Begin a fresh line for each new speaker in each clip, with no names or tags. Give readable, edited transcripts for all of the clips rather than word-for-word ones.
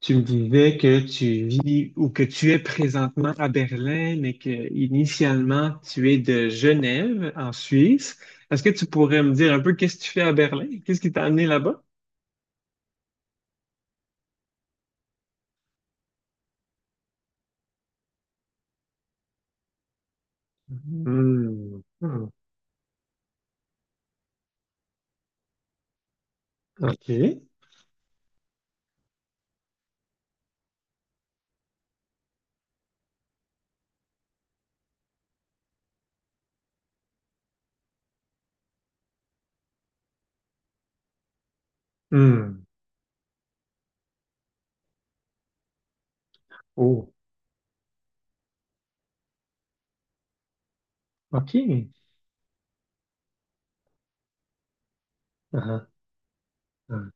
Tu me disais que tu vis ou que tu es présentement à Berlin, mais que initialement tu es de Genève, en Suisse. Est-ce que tu pourrais me dire un peu qu'est-ce que tu fais à Berlin? Qu'est-ce qui t'a amené là-bas? Hmm. Hmm. OK. Hmm. Oh, OK. Ah, ah, ah.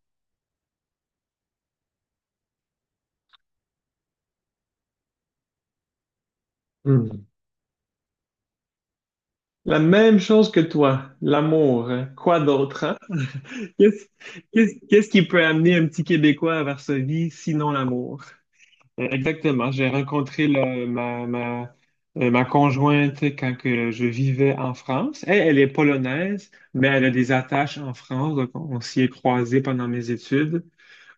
Hmm. La même chose que toi, l'amour, hein. Quoi d'autre, hein? Qu'est-ce, qu'est-ce qui peut amener un petit Québécois à Varsovie, sinon l'amour? Exactement. J'ai rencontré ma conjointe quand que je vivais en France. Elle, elle est polonaise, mais elle a des attaches en France. Donc, on s'y est croisés pendant mes études.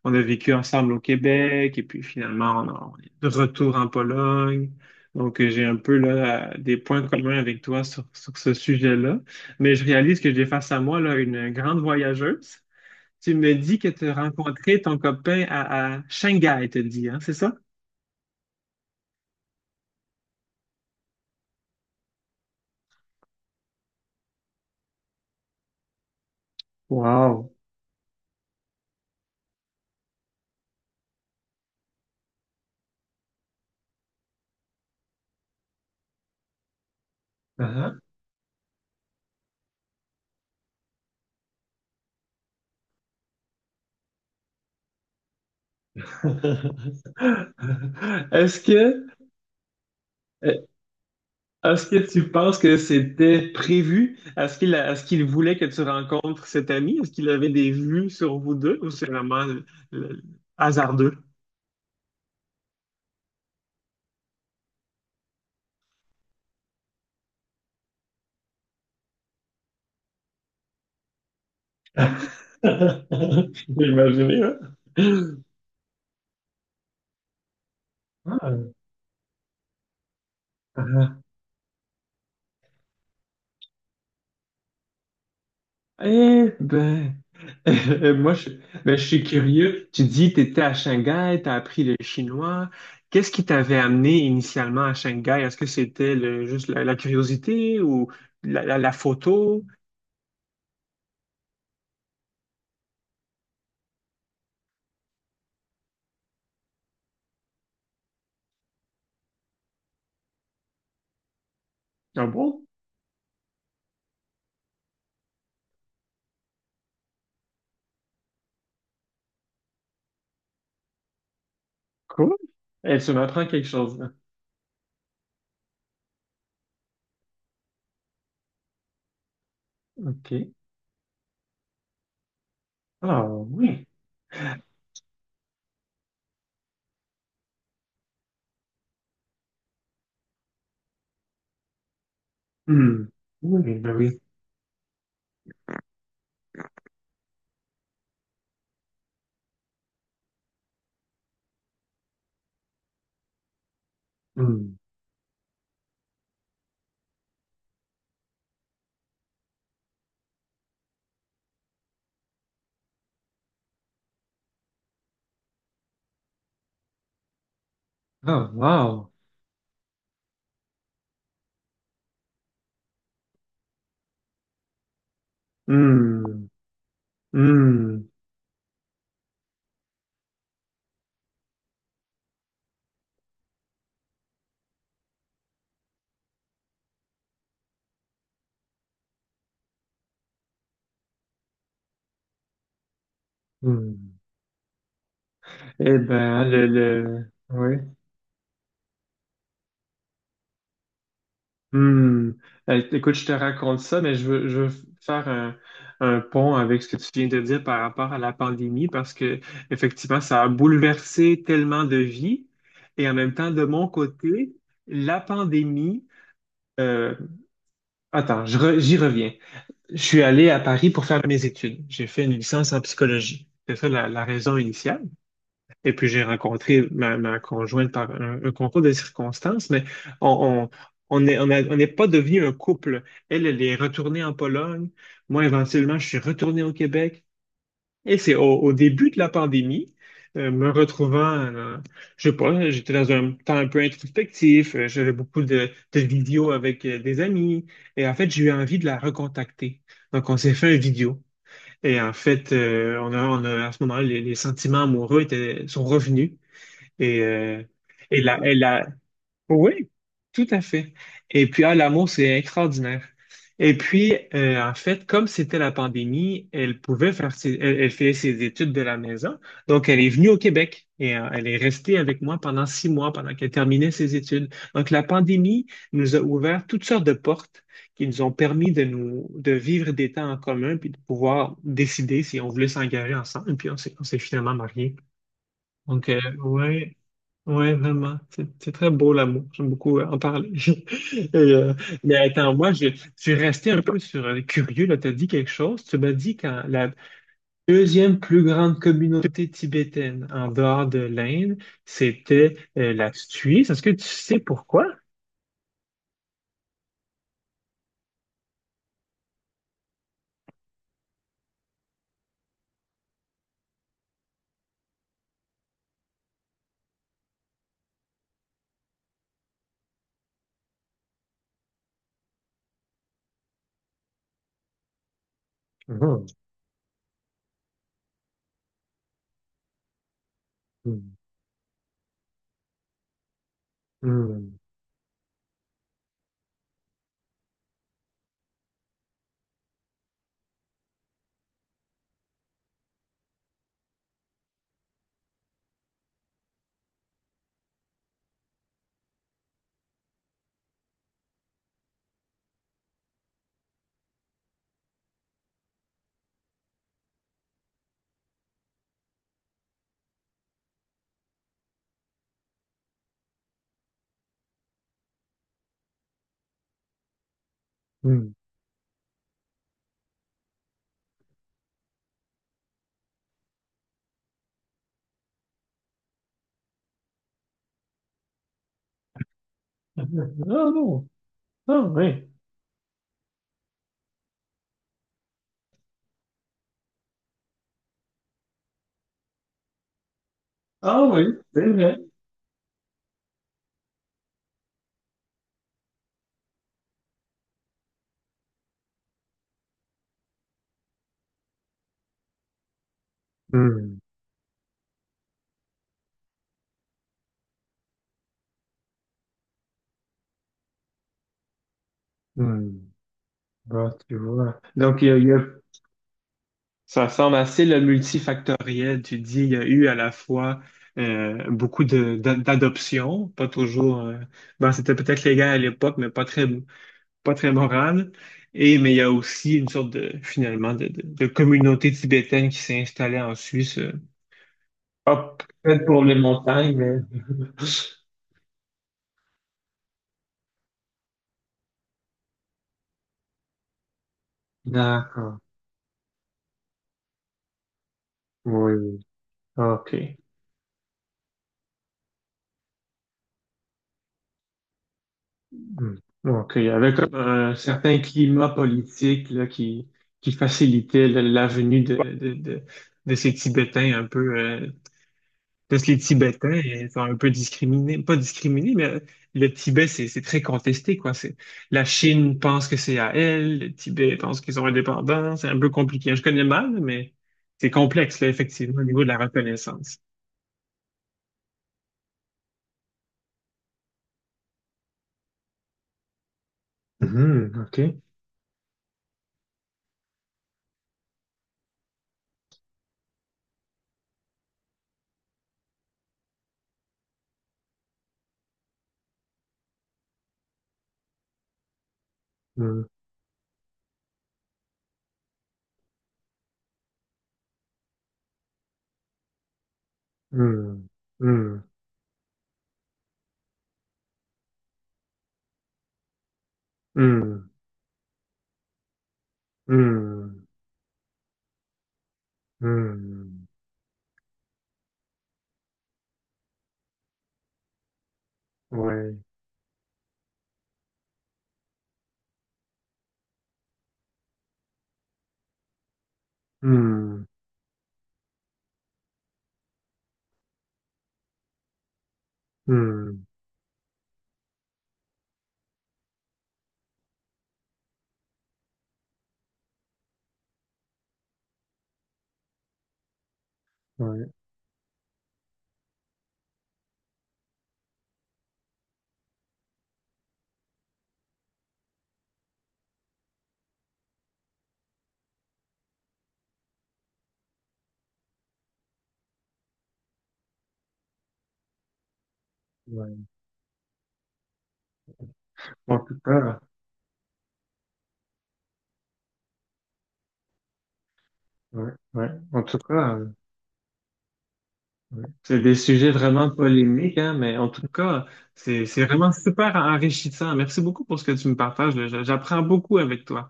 On a vécu ensemble au Québec et puis finalement, on est de retour en Pologne. Donc, j'ai un peu là, des points communs avec toi sur, sur ce sujet-là. Mais je réalise que j'ai face à moi là, une grande voyageuse. Tu me dis que tu as rencontré ton copain à Shanghai, tu dis, hein, c'est ça? Wow. Hein? Est-ce que, euh, Est-ce que tu penses que c'était prévu? Est-ce qu'il voulait que tu rencontres cet ami? Est-ce qu'il avait des vues sur vous deux ou c'est vraiment le- hasardeux? J'ai imaginé, hein? Ah. Eh ben, euh, moi, je, ben, je suis curieux. Tu dis, tu étais à Shanghai, tu as appris le chinois. Qu'est-ce qui t'avait amené initialement à Shanghai? Est-ce que c'était juste la curiosité ou la photo? Ah bon? Cool. Et tu m'apprends quelque chose là. OK. Ah oui. Hmm. Oui, ben oui. Hmm. Ah, wow. Hmm. Hmm. Hmm. Eh ben, le... Oui. Hmm. Écoute, je te raconte ça, mais je veux faire un pont avec ce que tu viens de dire par rapport à la pandémie, parce que effectivement, ça a bouleversé tellement de vies. Et en même temps, de mon côté, la pandémie, euh, j'y reviens. Je suis allé à Paris pour faire mes études. J'ai fait une licence en psychologie. C'est ça la raison initiale. Et puis j'ai rencontré ma conjointe par un concours de circonstances, mais on, on, on est- on n'est pas devenu un couple. Elle, elle est retournée en Pologne. Moi, éventuellement, je suis retourné au Québec. Et c'est au début de la pandémie, me retrouvant, je sais pas, j'étais dans un temps un peu introspectif, j'avais beaucoup de vidéos avec des amis. Et en fait, j'ai eu envie de la recontacter. Donc, on s'est fait un vidéo. Et en fait, on a, à ce moment-là, les sentiments amoureux sont revenus. Et, et la, oui, tout à fait. Et puis, ah, l'amour, c'est extraordinaire. Et puis, en fait, comme c'était la pandémie, elle pouvait faire ses, elle, elle faisait ses études de la maison. Donc, elle est venue au Québec et elle est restée avec moi pendant six mois pendant qu'elle terminait ses études. Donc, la pandémie nous a ouvert toutes sortes de portes qui nous ont permis de vivre des temps en commun puis de pouvoir décider si on voulait s'engager ensemble. Puis, on s'est finalement mariés. Donc, ouais. Ouais, vraiment. C'est très beau l'amour. J'aime beaucoup en parler. Et, mais attends, je suis resté un peu sur curieux. Là, tu as dit quelque chose. Tu m'as dit quand la deuxième plus grande communauté tibétaine en dehors de l'Inde, c'était la Suisse. Est-ce que tu sais pourquoi? Mhm. Mhm. Mhm. Ah non. Ah oui. Ah oui, c'est vrai. Hmm, hmm. Bah, tu vois. Donc, il y a- Ça semble assez le multifactoriel. Tu dis, il y a eu à la fois beaucoup d'adoptions, pas toujours. Bon, c'était peut-être légal à l'époque, mais pas très moral. Et mais il y a aussi une sorte de finalement de communauté tibétaine qui s'est installée en Suisse. Hop, peut-être pour les montagnes, mais d'accord. Oui, oui. OK. Hmm. Donc, il y avait comme un certain climat politique là, qui facilitait la venue de ces Tibétains un peu. Parce que les Tibétains ils sont un peu discriminés, pas discriminés, mais le Tibet, c'est très contesté, quoi. C'est, la Chine pense que c'est à elle, le Tibet pense qu'ils sont indépendants, c'est un peu compliqué. Je connais mal, mais c'est complexe, là, effectivement, au niveau de la reconnaissance. Mhm, OK. Hmm, hmm, hmm, hmm, hmm, hmm. Ouais. Hmm. Hmm. Ouais, ouais. En tout cas, ouais, ouais. En tout cas, ouais. C'est des sujets vraiment polémiques, hein, mais en tout cas, c'est vraiment super enrichissant. Merci beaucoup pour ce que tu me partages là. J'apprends beaucoup avec toi.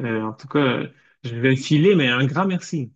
Euh, en tout cas, euh, je vais filer, mais un grand merci.